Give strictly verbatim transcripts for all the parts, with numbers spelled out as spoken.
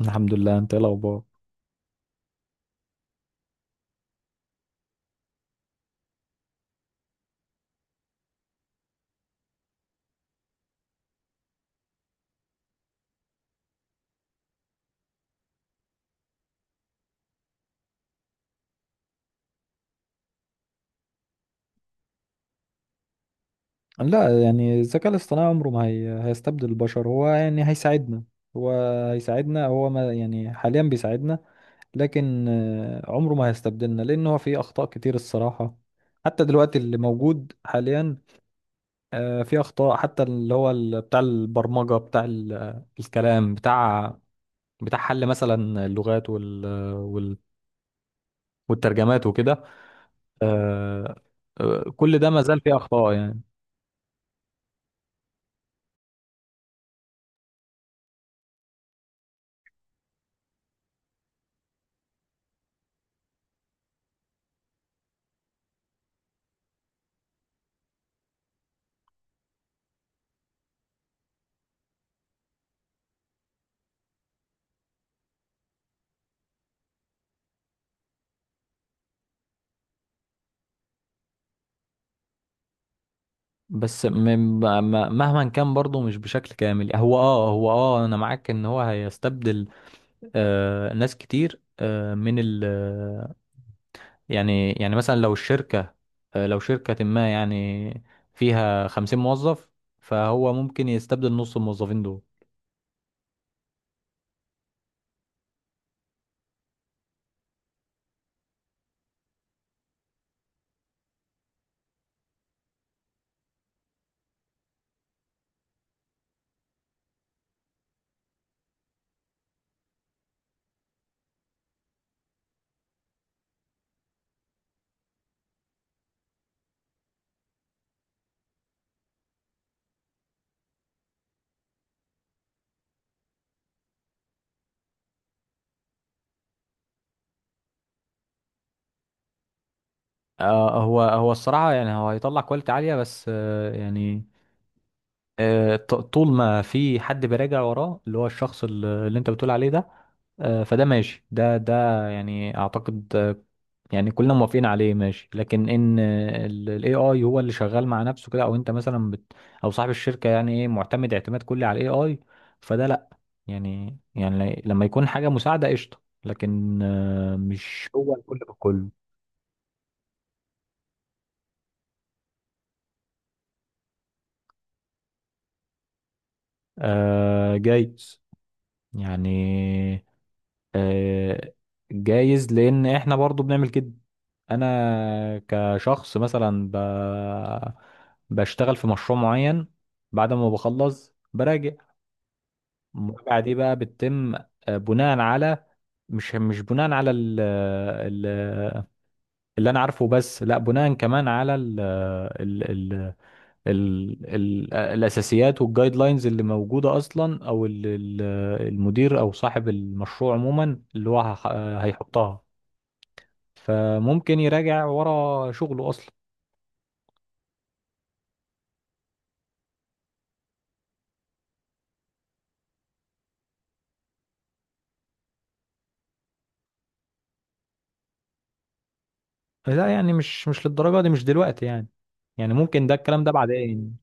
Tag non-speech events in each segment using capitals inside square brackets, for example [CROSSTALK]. الحمد لله، انت ايه الاخبار؟ لا يعني الذكاء الاصطناعي عمره ما هي... هيستبدل البشر، هو يعني هيساعدنا. هو هيساعدنا هو ما يعني حاليا بيساعدنا، لكن آه، عمره ما هيستبدلنا لان هو فيه اخطاء كتير الصراحة، حتى دلوقتي اللي موجود حاليا. آه، فيه اخطاء، حتى اللي هو ال- بتاع البرمجة، بتاع ال- آه، الكلام بتاع بتاع حل مثلا اللغات وال... وال... والترجمات وكده. آه، آه، كل ده ما زال فيه اخطاء يعني. بس م- ما- ما- مهما كان برضه مش بشكل كامل. هو اه هو اه انا معاك ان هو هيستبدل آه ناس كتير آه من ال يعني يعني مثلا لو الشركة آه لو شركة ما يعني فيها خمسين موظف، فهو ممكن يستبدل نص الموظفين دول. آه هو هو الصراحة يعني هو هيطلع كواليتي عالية، بس آه يعني آه ط- طول ما في حد بيراجع وراه، اللي هو الشخص اللي اللي انت بتقول عليه ده، آه، فده ماشي. ده ده يعني اعتقد آه، يعني كلنا موافقين عليه ماشي. لكن ان الاي اي هو اللي شغال مع نفسه كده، او انت مثلا بت او صاحب الشركه يعني ايه معتمد اعتماد كلي على الاي اي، فده لا. يعني يعني لما يكون حاجه مساعده قشطه، لكن آه، مش هو الكل بكله. آه جايز، يعني آه، جايز لان احنا برضو بنعمل كده. انا كشخص مثلا ب... بشتغل في مشروع معين، بعد ما بخلص براجع. المراجعه دي بقى بتتم آه، بناء على، مش مش بناء على ال... ال... اللي انا عارفه بس، لا بناء كمان على ال... ال... ال... ال ال الأساسيات والجايد لاينز اللي موجودة أصلا، أو ال- ال- المدير أو صاحب المشروع عموما اللي هو هح- هيحطها، فممكن يراجع ورا شغله أصلا. لا يعني مش مش للدرجة دي، مش دلوقتي يعني. يعني ممكن ده الكلام ده بعدين.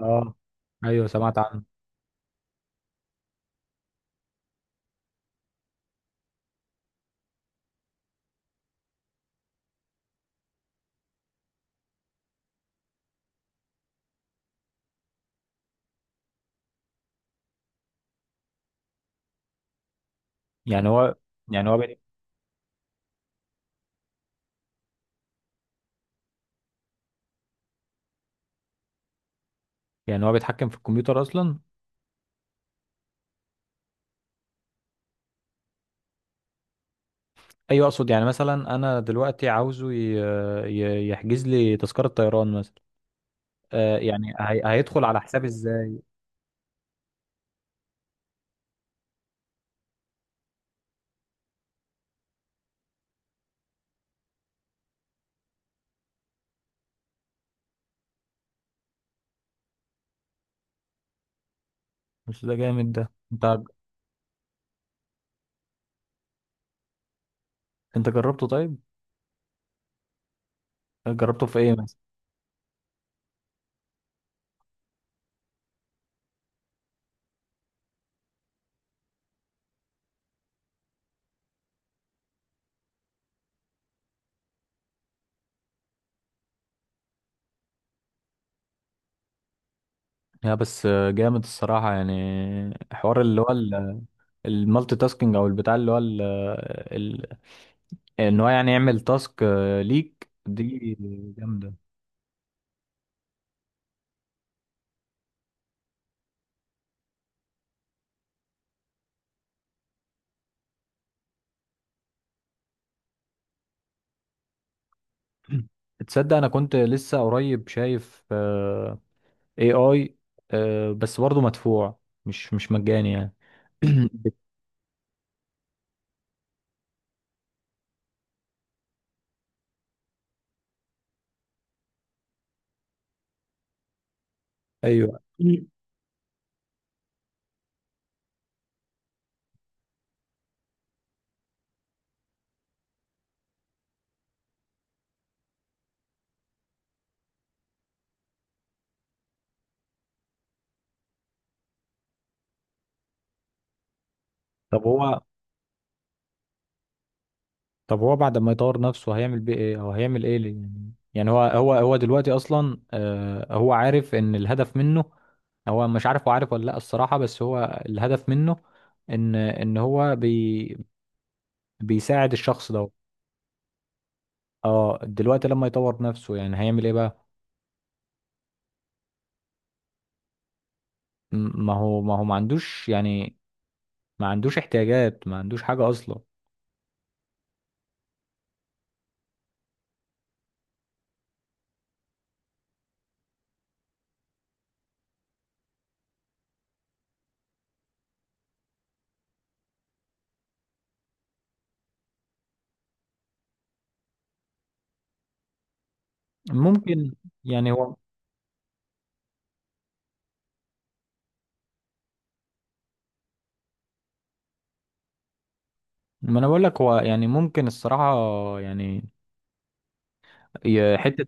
اه، ايوه سمعت عنه. يعني هو يعني هو بي- يعني هو بيتحكم في الكمبيوتر اصلا؟ ايوه اقصد يعني مثلا انا دلوقتي عاوزه ي- ي- يحجز لي تذكرة طيران مثلا. آه يعني هي- هيدخل على حساب. بس ده جامد، ده انت عب- انت جربته طيب؟ جربته في ايه مثلا؟ يا بس جامد الصراحة يعني، حوار اللي هو ال- المالتي تاسكينج او البتاع اللي هو ال ال ان هو يعني يعمل تاسك ليك دي. جامدة. تصدق انا كنت لسه قريب شايف اي اي، بس برضه مدفوع، مش مش مجاني يعني. [CLEARS THROAT] ايوه. طب هو طب هو بعد ما يطور نفسه هيعمل بيه ايه او هيعمل ايه ليه؟ يعني يعني هو هو هو دلوقتي اصلا آه هو عارف ان الهدف منه، هو مش عارف، هو عارف ولا لا الصراحة؟ بس هو الهدف منه ان ان هو بي بيساعد الشخص ده. اه، دلوقتي لما يطور نفسه يعني هيعمل ايه بقى؟ م- ما هو ما هو ما عندوش يعني، ما عندوش احتياجات، ما عندوش حاجة اصلا. ممكن يعني هو، ما انا بقول لك هو يعني ممكن الصراحة. يعني ي- حتة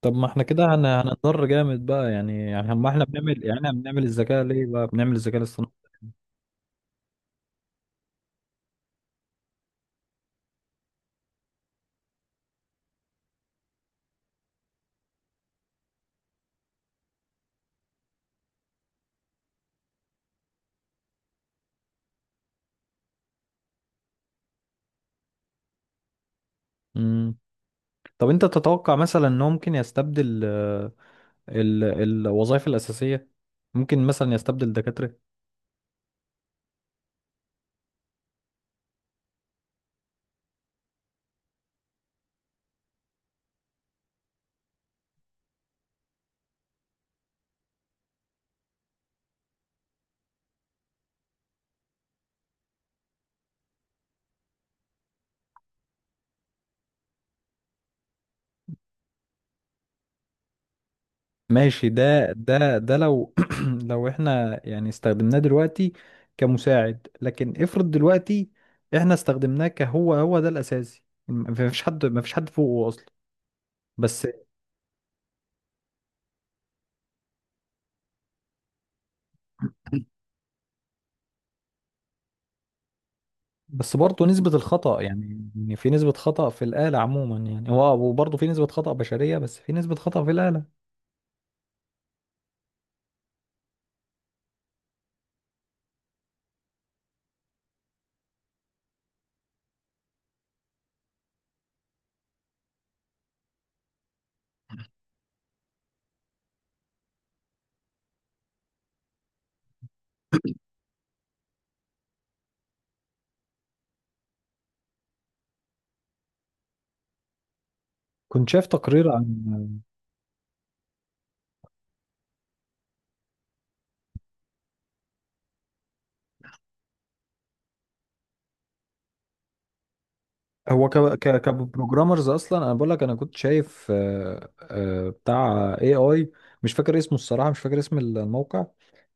طب ما احنا كده هن- هنضر جامد بقى. يعني يعني ما احنا بنعمل، يعني احنا بنعمل الذكاء ليه بقى، بنعمل الذكاء الاصطناعي. امم. طب انت تتوقع مثلا انه ممكن يستبدل آه، ال... الوظائف الأساسية؟ ممكن مثلا يستبدل دكاترة؟ ماشي، ده ده ده لو [CLEARS THROAT] لو احنا يعني استخدمناه دلوقتي كمساعد، لكن افرض دلوقتي احنا استخدمناه كهو، هو ده الأساسي، ما فيش حد ما فيش حد فوقه أصلا. بس بس برضه نسبة الخطأ، يعني إن في نسبة خطأ في الآلة عموما، يعني هو وبرضه في نسبة خطأ بشرية بس في نسبة خطأ في الآلة. كنت شايف تقرير عن هو ك ك كبروجرامرز اصلا. انا بقول لك انا كنت شايف آه، آه، بتاع اي اي، مش فاكر اسمه الصراحة، مش فاكر اسم الموقع،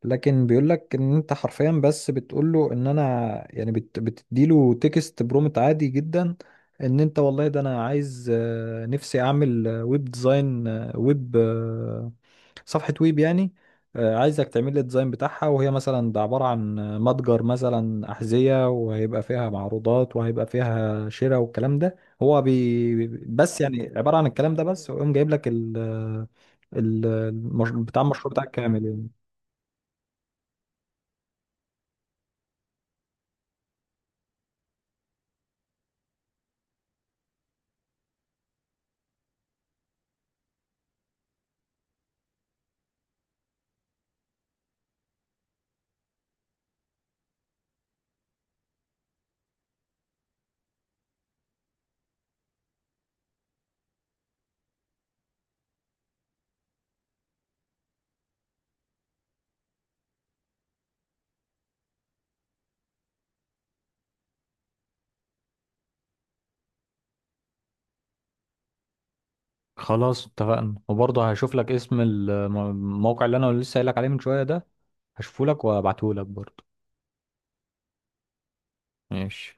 لكن بيقول لك ان انت حرفيا بس بتقول له ان انا، يعني بت بتديله تكست برومت عادي جدا، ان انت والله ده انا عايز آه، نفسي اعمل ويب ديزاين، ويب صفحة ويب يعني، آه، عايزك تعمل لي الديزاين بتاعها وهي مثلا ده عبارة عن متجر مثلا أحذية، وهيبقى فيها معروضات وهيبقى فيها شراء والكلام ده. هو بي بس يعني عبارة عن الكلام ده بس، ويقوم جايب لك ال ال- المش... بتاع المشروع بتاعك كامل يعني. خلاص اتفقنا، وبرضه هشوف لك اسم الم- الموقع اللي انا لسه قايل لك عليه من شويه ده، هشوفه لك وابعته لك برضه. ماشي.